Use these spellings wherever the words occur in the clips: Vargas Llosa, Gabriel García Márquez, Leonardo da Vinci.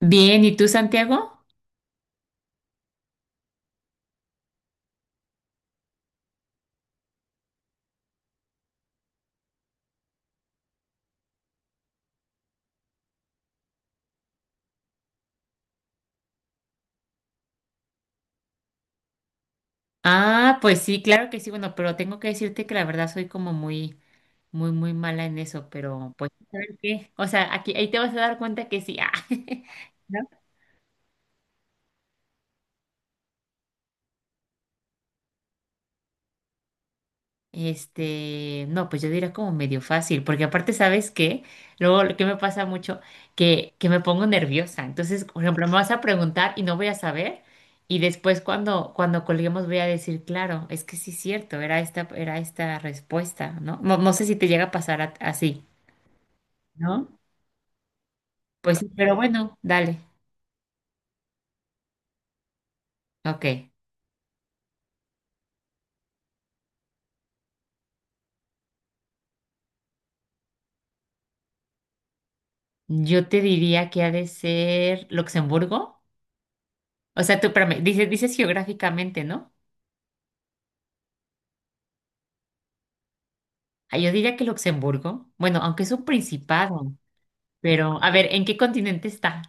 Bien, ¿y tú, Santiago? Ah, pues sí, claro que sí, bueno, pero tengo que decirte que la verdad soy como muy, muy, muy mala en eso, pero pues, ¿sabes qué? O sea, aquí, ahí te vas a dar cuenta que sí, ¿no? No, pues yo diría como medio fácil, porque aparte, ¿sabes qué? Luego, lo que me pasa mucho, que me pongo nerviosa, entonces, por ejemplo, me vas a preguntar y no voy a saber, y después cuando colguemos voy a decir, claro, es que sí es cierto, era esta respuesta, ¿no? No, no sé si te llega a pasar así. ¿No? Pues sí, pero bueno, dale. Ok. Yo te diría que ha de ser Luxemburgo. O sea, tú, espérame, dices geográficamente, ¿no? Ah, yo diría que Luxemburgo. Bueno, aunque es un principado, pero a ver, ¿en qué continente está?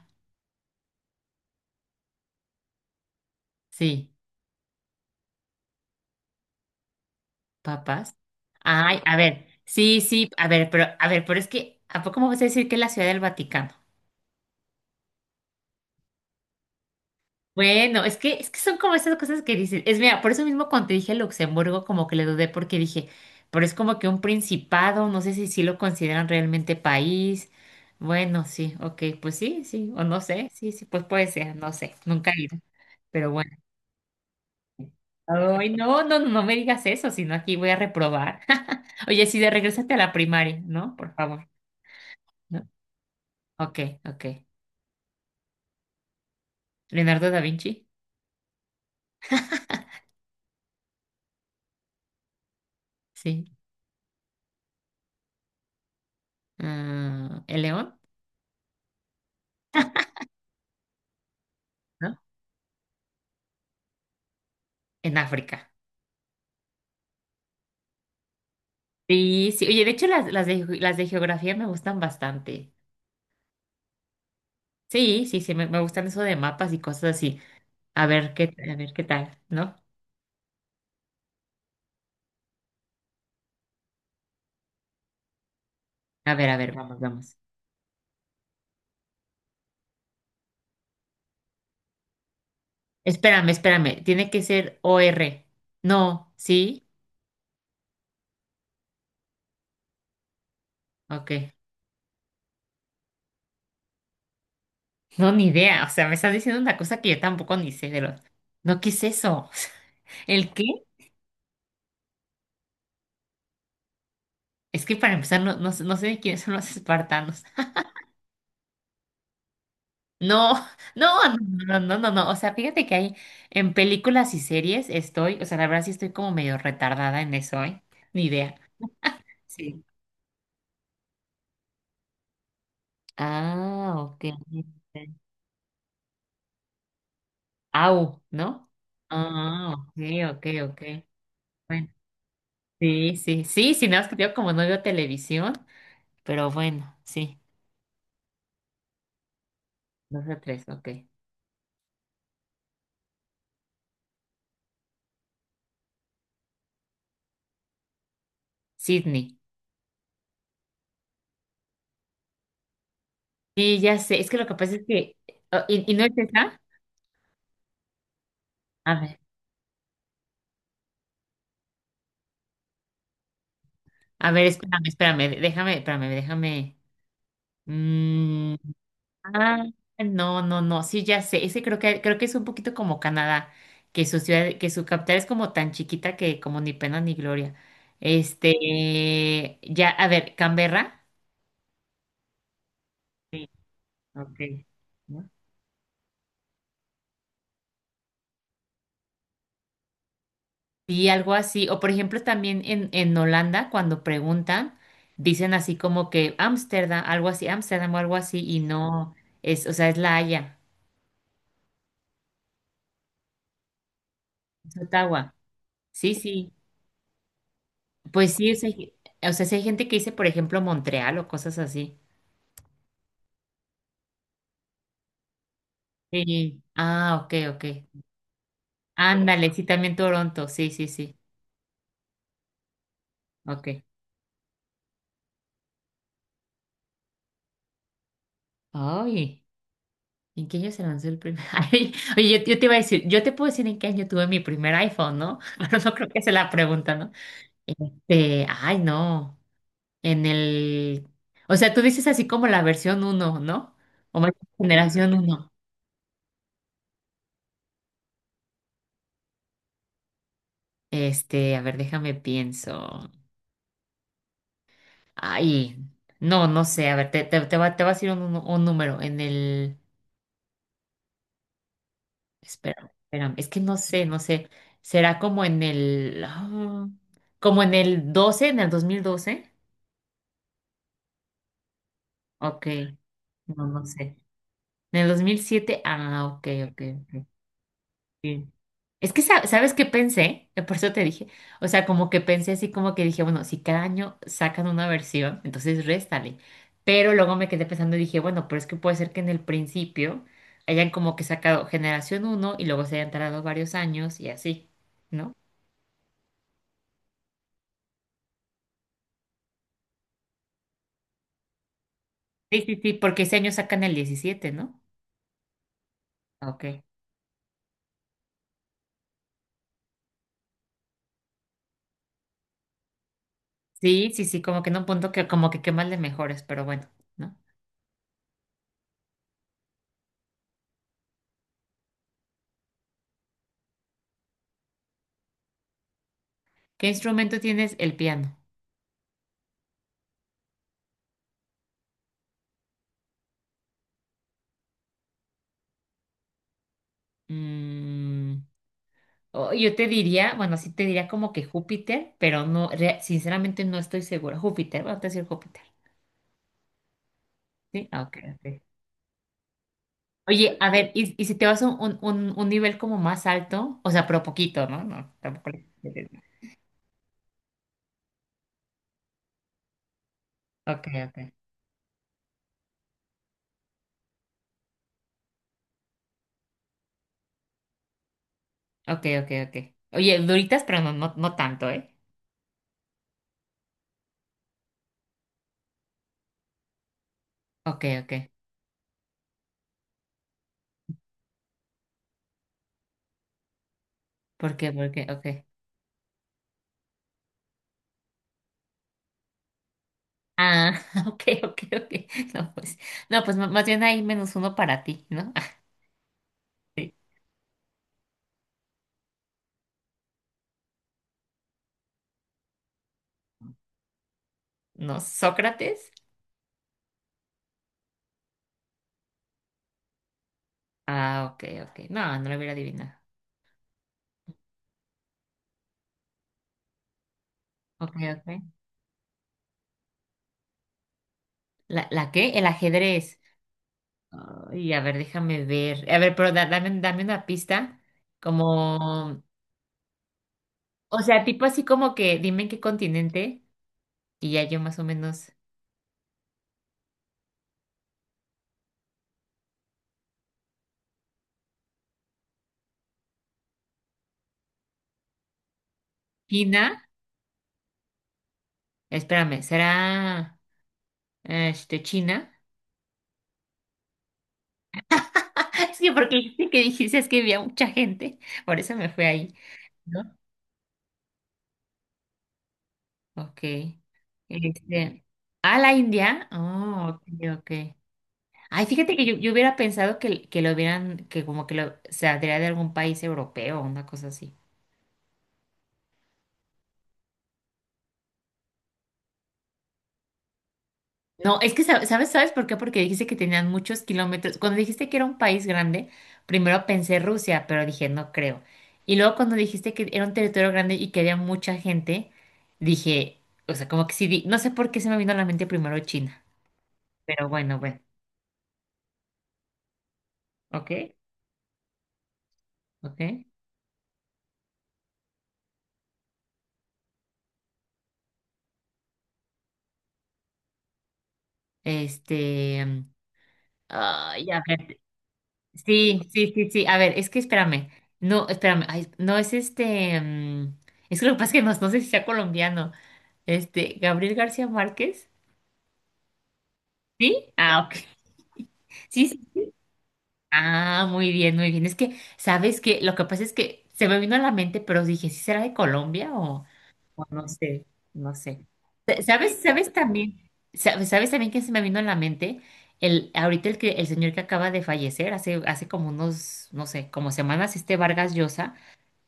Sí, papas. Ay, a ver, sí, sí, a ver, pero es que, ¿a poco me vas a decir que es la Ciudad del Vaticano? Bueno, es que son como esas cosas que dicen. Es mira, por eso mismo cuando te dije Luxemburgo, como que le dudé porque dije, pero es como que un principado, no sé si sí lo consideran realmente país. Bueno, sí, ok, pues sí, sí, o no sé, sí, sí, pues puede ser, no sé, nunca he ido, pero bueno. Ay, no, no, no, no me digas eso, sino aquí voy a reprobar. Oye, sí, de regrésate a la primaria, ¿no? Por favor, ¿no? Ok, ok. Leonardo da Vinci, sí. Ah, ¿el león? ¿No? En África. Sí, sí. Oye, de hecho las de geografía me gustan bastante. Sí, sí, sí, me gustan eso de mapas y cosas así. A ver qué, a ver qué tal, ¿no? A ver, vamos, vamos. Espérame, espérame. Tiene que ser O R. No, ¿sí? Ok. No, ni idea. O sea, me estás diciendo una cosa que yo tampoco ni sé de los. No, ¿qué es eso? ¿El qué? Es que para empezar, no, no, no sé de quiénes son los espartanos. No, no, no, no, no, no, no. O sea, fíjate que hay en películas y series estoy, o sea, la verdad sí estoy como medio retardada en eso, ¿eh? Ni idea. Sí. Ah, ok. Au, ¿no? Ah, ok, ok, ok. Bueno, sí, sí, sí, sí, nada más que yo como no veo televisión, pero bueno, sí, dos o tres, ok. Sydney. Sí, ya sé, es que lo que pasa es que, oh, ¿y no es esa? A ver, a ver, espérame, espérame, déjame, espérame, déjame. mm, Ah, no, no, no, sí, ya sé. Ese creo que es un poquito como Canadá, que su ciudad, que su capital es como tan chiquita que como ni pena ni gloria. Ya, a ver, Canberra. Okay. ¿No? Sí, algo así. O por ejemplo, también en Holanda, cuando preguntan, dicen así como que Ámsterdam, algo así, Ámsterdam o algo así, y no es, o sea, es La Haya, es Ottawa. Sí, sí. Pues sí, o sea, o sea, sí hay gente que dice, por ejemplo, Montreal o cosas así. Sí. Ah, ok, ok. Ándale, sí, también Toronto, sí, sí, sí. Ok. Ay, ¿en qué año se lanzó el primer? Ay, oye, yo te iba a decir, yo te puedo decir en qué año tuve mi primer iPhone, ¿no? Pero no creo que sea la pregunta, ¿no? Ay, no. En el. O sea, tú dices así como la versión uno, ¿no? O más bien generación uno. A ver, déjame pienso. Ay, no, no sé. A ver, te va a decir un número. En el. Espera, espérame, es que no sé, no sé. ¿Será como como en el 12, en el 2012? Ok, no, no sé. ¿En el 2007? Ok, ok, ok. Sí. Es que, ¿sabes qué pensé? Por eso te dije. O sea, como que pensé así, como que dije, bueno, si cada año sacan una versión, entonces réstale. Pero luego me quedé pensando y dije, bueno, pero es que puede ser que en el principio hayan como que sacado generación uno y luego se hayan tardado varios años y así, ¿no? Sí, sí, sí, porque ese año sacan el 17, ¿no? Ok. Sí, sí, sí, como que en un punto que como que qué más le mejores, pero bueno, ¿no? ¿Qué instrumento tienes? El piano. Mm, oh, yo te diría, bueno, sí te diría como que Júpiter, pero no, sinceramente no estoy segura. Júpiter, vamos a decir Júpiter. Sí, ah, ok, ok. Oye, a ver, y si te vas a un nivel como más alto, o sea, pero poquito, ¿no? No, tampoco. Ok, ok. Ok, ok, ok. Oye, duritas, pero no, no, no tanto, ¿eh? Ok, ok. ¿Por qué? ¿Por qué? Ok. Ah, ok, ok, ok. No, pues, no, pues más bien hay menos uno para ti, ¿no? ¿No? ¿Sócrates? Ah, ok, ok. No, no lo hubiera adivinado. Ok, ok. ¿La qué? El ajedrez. Ay, a ver, déjame ver. A ver, pero dame, dame una pista. Como, o sea, tipo así como que dime en qué continente y ya yo más o menos. China, espérame, ¿será China? Sí, porque dijiste que dijiste es que había mucha gente, por eso me fui ahí, ¿no? Ok. Este, a la India. Oh, ok, ok. Ay, fíjate que yo hubiera pensado que, lo hubieran, que como que lo, se traía de algún país europeo o una cosa así. No, es que sabes, ¿sabes por qué? Porque dijiste que tenían muchos kilómetros. Cuando dijiste que era un país grande, primero pensé Rusia, pero dije, no creo. Y luego cuando dijiste que era un territorio grande y que había mucha gente, dije, o sea, como que sí, no sé por qué se me vino a la mente primero China, pero bueno, bueno, ok, ok. Este, mm, ay, a ver, sí, sí, sí, sí, a ver, es que espérame, no, espérame, ay, no es es que lo que pasa es que no, no sé si sea colombiano, Gabriel García Márquez. ¿Sí? Ah, ok. Sí, sí. Ah, muy bien, muy bien. Es que, ¿sabes qué? Lo que pasa es que se me vino a la mente, pero dije, ¿sí será de Colombia o no sé? No sé. ¿Sabes? ¿Sabes también? ¿Sabes también que se me vino a la mente? Ahorita el que el señor que acaba de fallecer, hace como unos, no sé, como semanas, Vargas Llosa,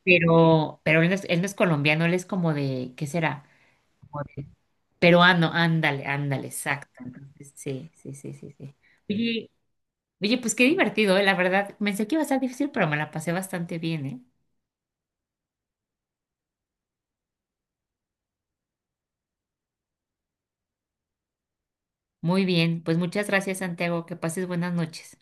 pero él no es colombiano, él es como de, ¿qué será? Como de peruano, ándale, ándale, exacto. Entonces, sí, sí, sí, sí, sí. Oye, Oye, pues qué divertido, la verdad, pensé que iba a ser difícil, pero me la pasé bastante bien, ¿eh? Muy bien, pues muchas gracias, Santiago, que pases buenas noches.